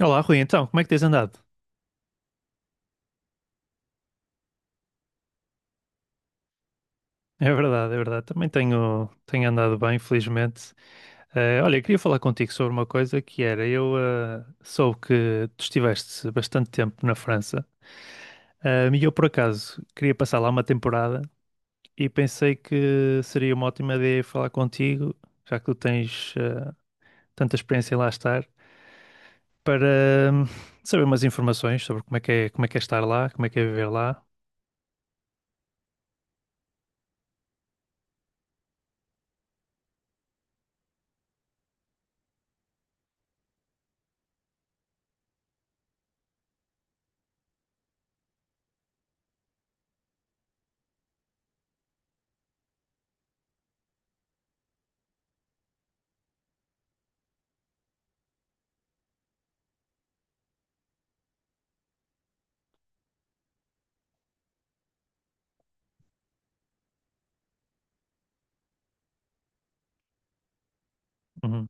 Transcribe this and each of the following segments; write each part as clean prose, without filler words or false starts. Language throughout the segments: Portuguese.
Olá, Rui, então, como é que tens andado? É verdade, é verdade. Também tenho, andado bem, felizmente. Olha, eu queria falar contigo sobre uma coisa que era, soube que tu estiveste bastante tempo na França, e eu por acaso queria passar lá uma temporada e pensei que seria uma ótima ideia falar contigo, já que tu tens tanta experiência em lá estar, para saber umas informações sobre como é que é, como é que é estar lá, como é que é viver lá. Uhum,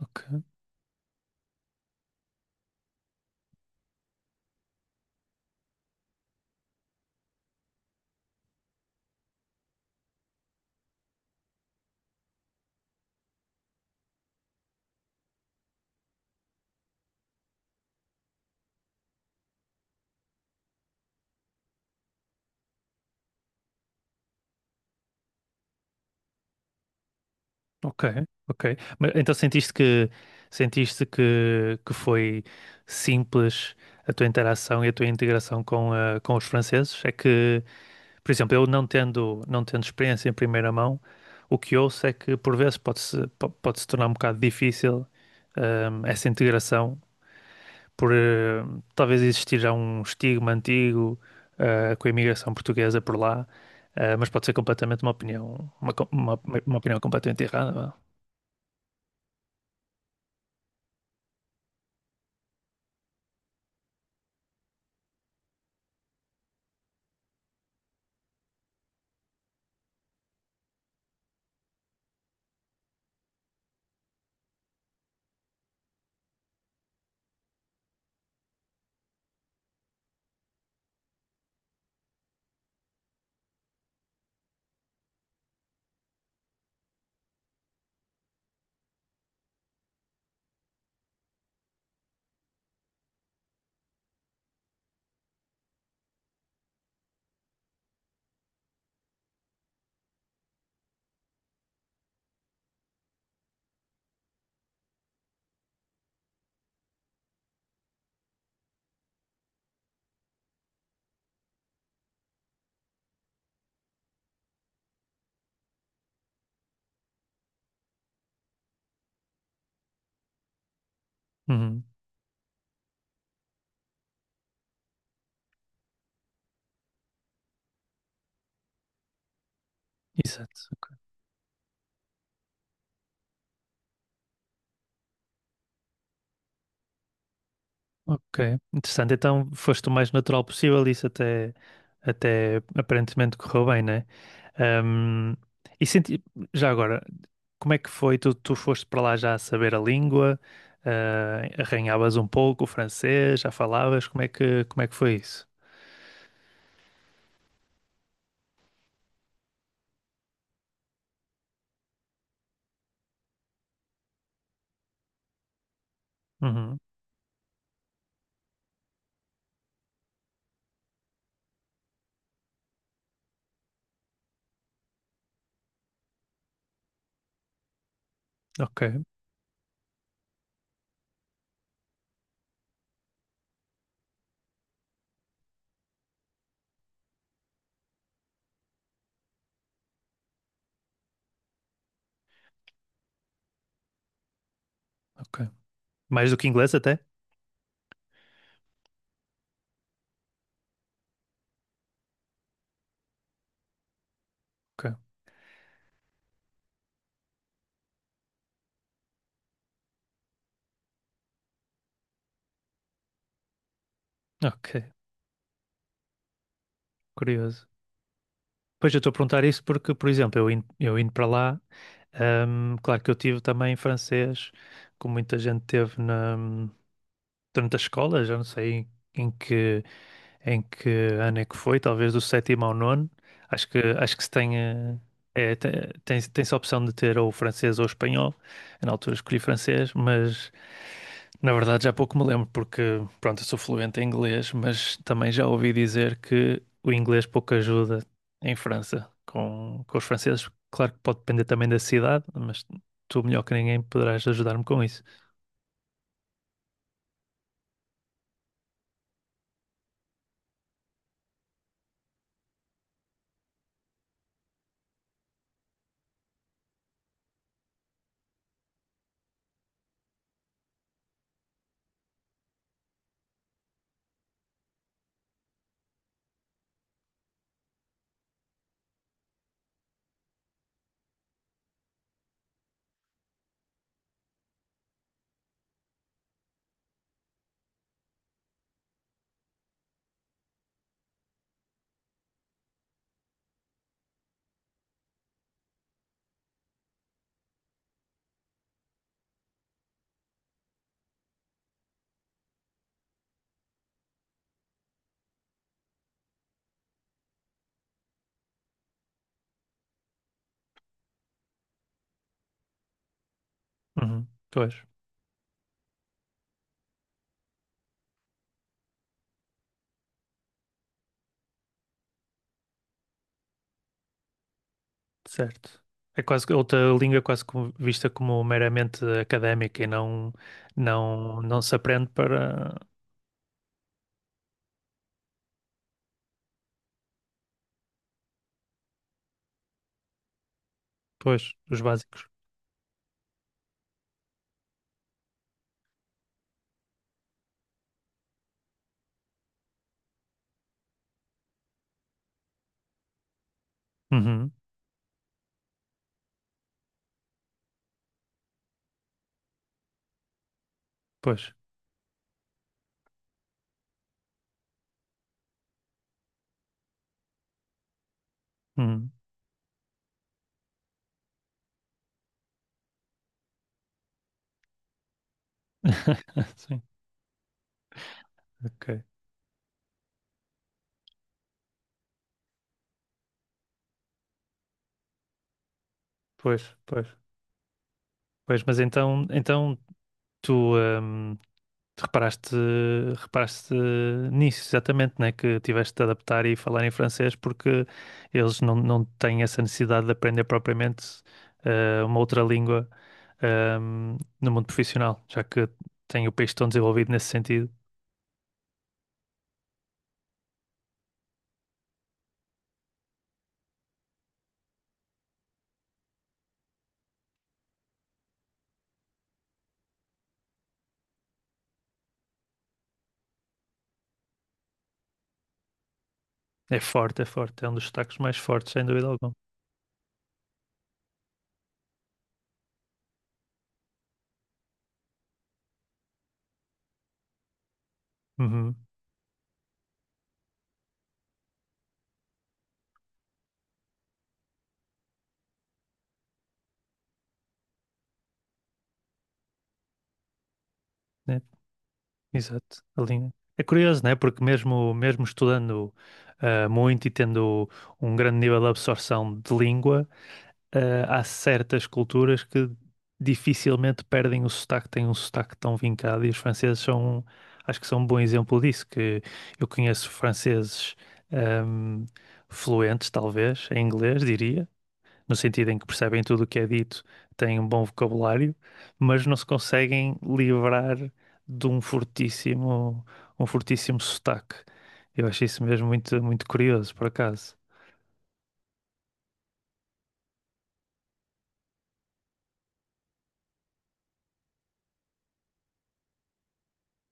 ok. Ok, ok. Mas então sentiste que que foi simples a tua interação e a tua integração com, com os franceses? É que, por exemplo, eu não tendo experiência em primeira mão, o que ouço é que por vezes pode-se tornar um bocado difícil, essa integração por talvez existir já um estigma antigo, com a imigração portuguesa por lá, mas pode ser completamente uma opinião uma, co- uma opinião completamente errada, vá. Uhum. Exato. Ok. Ok, interessante. Então foste o mais natural possível e isso até, até aparentemente correu bem, né? Ahm, e senti... Já agora, como é que foi? Tu foste para lá já a saber a língua, ah, arranhavas um pouco o francês, já falavas, como é que foi isso? Uhum. Ok, ok. Mais do que inglês até? Ok, ok, curioso. Pois eu estou a perguntar isso porque, por exemplo, eu indo para lá. Claro que eu tive também francês, como muita gente teve na, durante a escola, já não sei em que, em que ano é que foi, talvez do sétimo ao nono. Acho que se tem, é, te- tem, tem-se a opção de ter ou francês ou espanhol. Eu, na altura, escolhi francês, mas na verdade já pouco me lembro, porque, pronto, eu sou fluente em inglês, mas também já ouvi dizer que o inglês pouco ajuda em França com os franceses. Claro que pode depender também da cidade, mas tu, melhor que ninguém, poderás ajudar-me com isso. Uhum, pois, certo. É quase que outra língua, quase vista como meramente académica e não, não se aprende para... Pois, os básicos. Uhum, pois. Uhum. Sim, ok. Pois, pois. Pois, mas então, então tu, hum, tu reparaste, reparaste nisso, exatamente, né? Que tiveste de adaptar e falar em francês porque eles não, não têm essa necessidade de aprender propriamente uma outra língua, hum, no mundo profissional, já que tem o país tão desenvolvido nesse sentido. É forte, é forte, é um dos destaques mais fortes, sem dúvida alguma. Uhum. Né? Exato, a linha. É curioso, né? Porque mesmo, mesmo estudando ah, muito e tendo um grande nível de absorção de língua, ah, há certas culturas que dificilmente perdem o sotaque, têm um sotaque tão vincado, e os franceses são, acho que são um bom exemplo disso, que eu conheço franceses ahm, fluentes, talvez, em inglês, diria, no sentido em que percebem tudo o que é dito, têm um bom vocabulário, mas não se conseguem livrar de um fortíssimo sotaque. Eu acho isso mesmo muito, muito curioso, por acaso.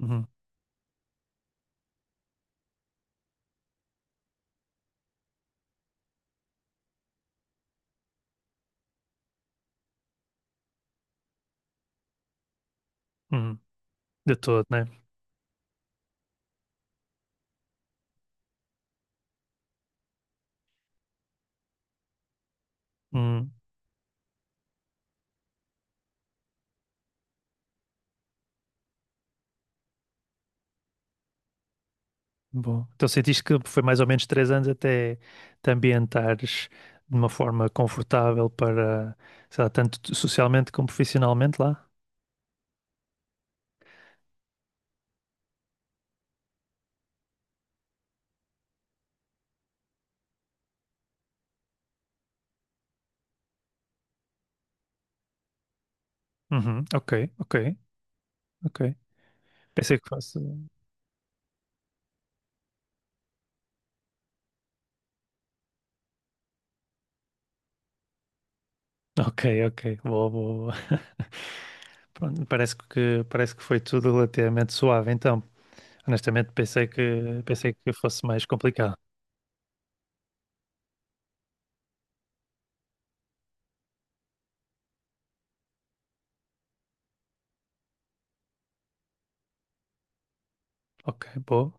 Uhum, uhum, de todo, né? Uhum, bom. Então sentiste que foi mais ou menos três anos até te ambientares de uma forma confortável para, sei lá, tanto socialmente como profissionalmente lá? Uhum, ok, ok, ok. Pensei que fosse. Ok, ok. Boa, boa, boa. Pronto, parece que foi tudo relativamente suave, então. Honestamente, pensei que fosse mais complicado. Ok, boa.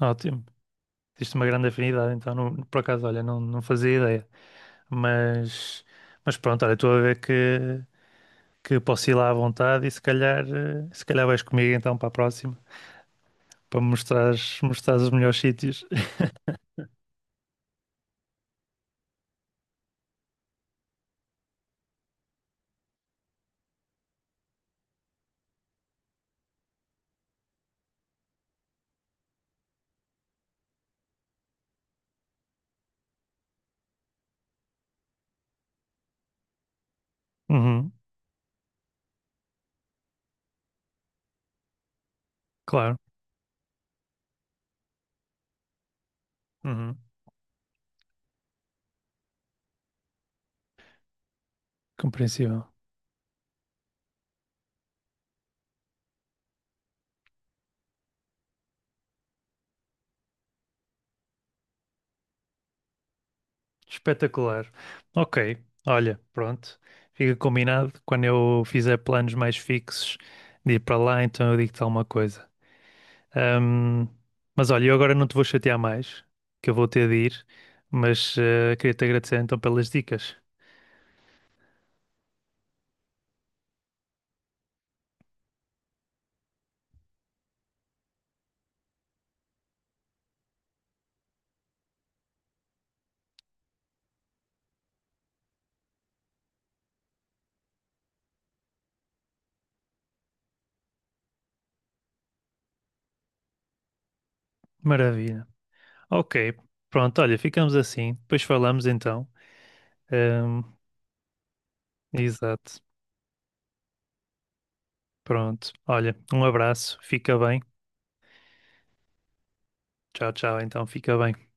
Ótimo. Existe uma grande afinidade, então. Por acaso, olha, não, não fazia ideia. Mas, mas pronto, olha, estou a ver que posso ir lá à vontade e se calhar, se calhar vais comigo então para a próxima, para me mostrares, mostrares os melhores sítios. Uhum, claro. Uhum, compreensível. Espetacular. Ok, olha, pronto. Fica combinado. Quando eu fizer planos mais fixos de ir para lá, então eu digo-te alguma coisa. Ahm, mas olha, eu agora não te vou chatear mais, que eu vou ter de ir, mas queria-te agradecer então pelas dicas. Maravilha. Ok, pronto, olha, ficamos assim. Depois falamos então. Ahm, exato. Pronto. Olha, um abraço. Fica bem. Tchau, tchau. Então, fica bem.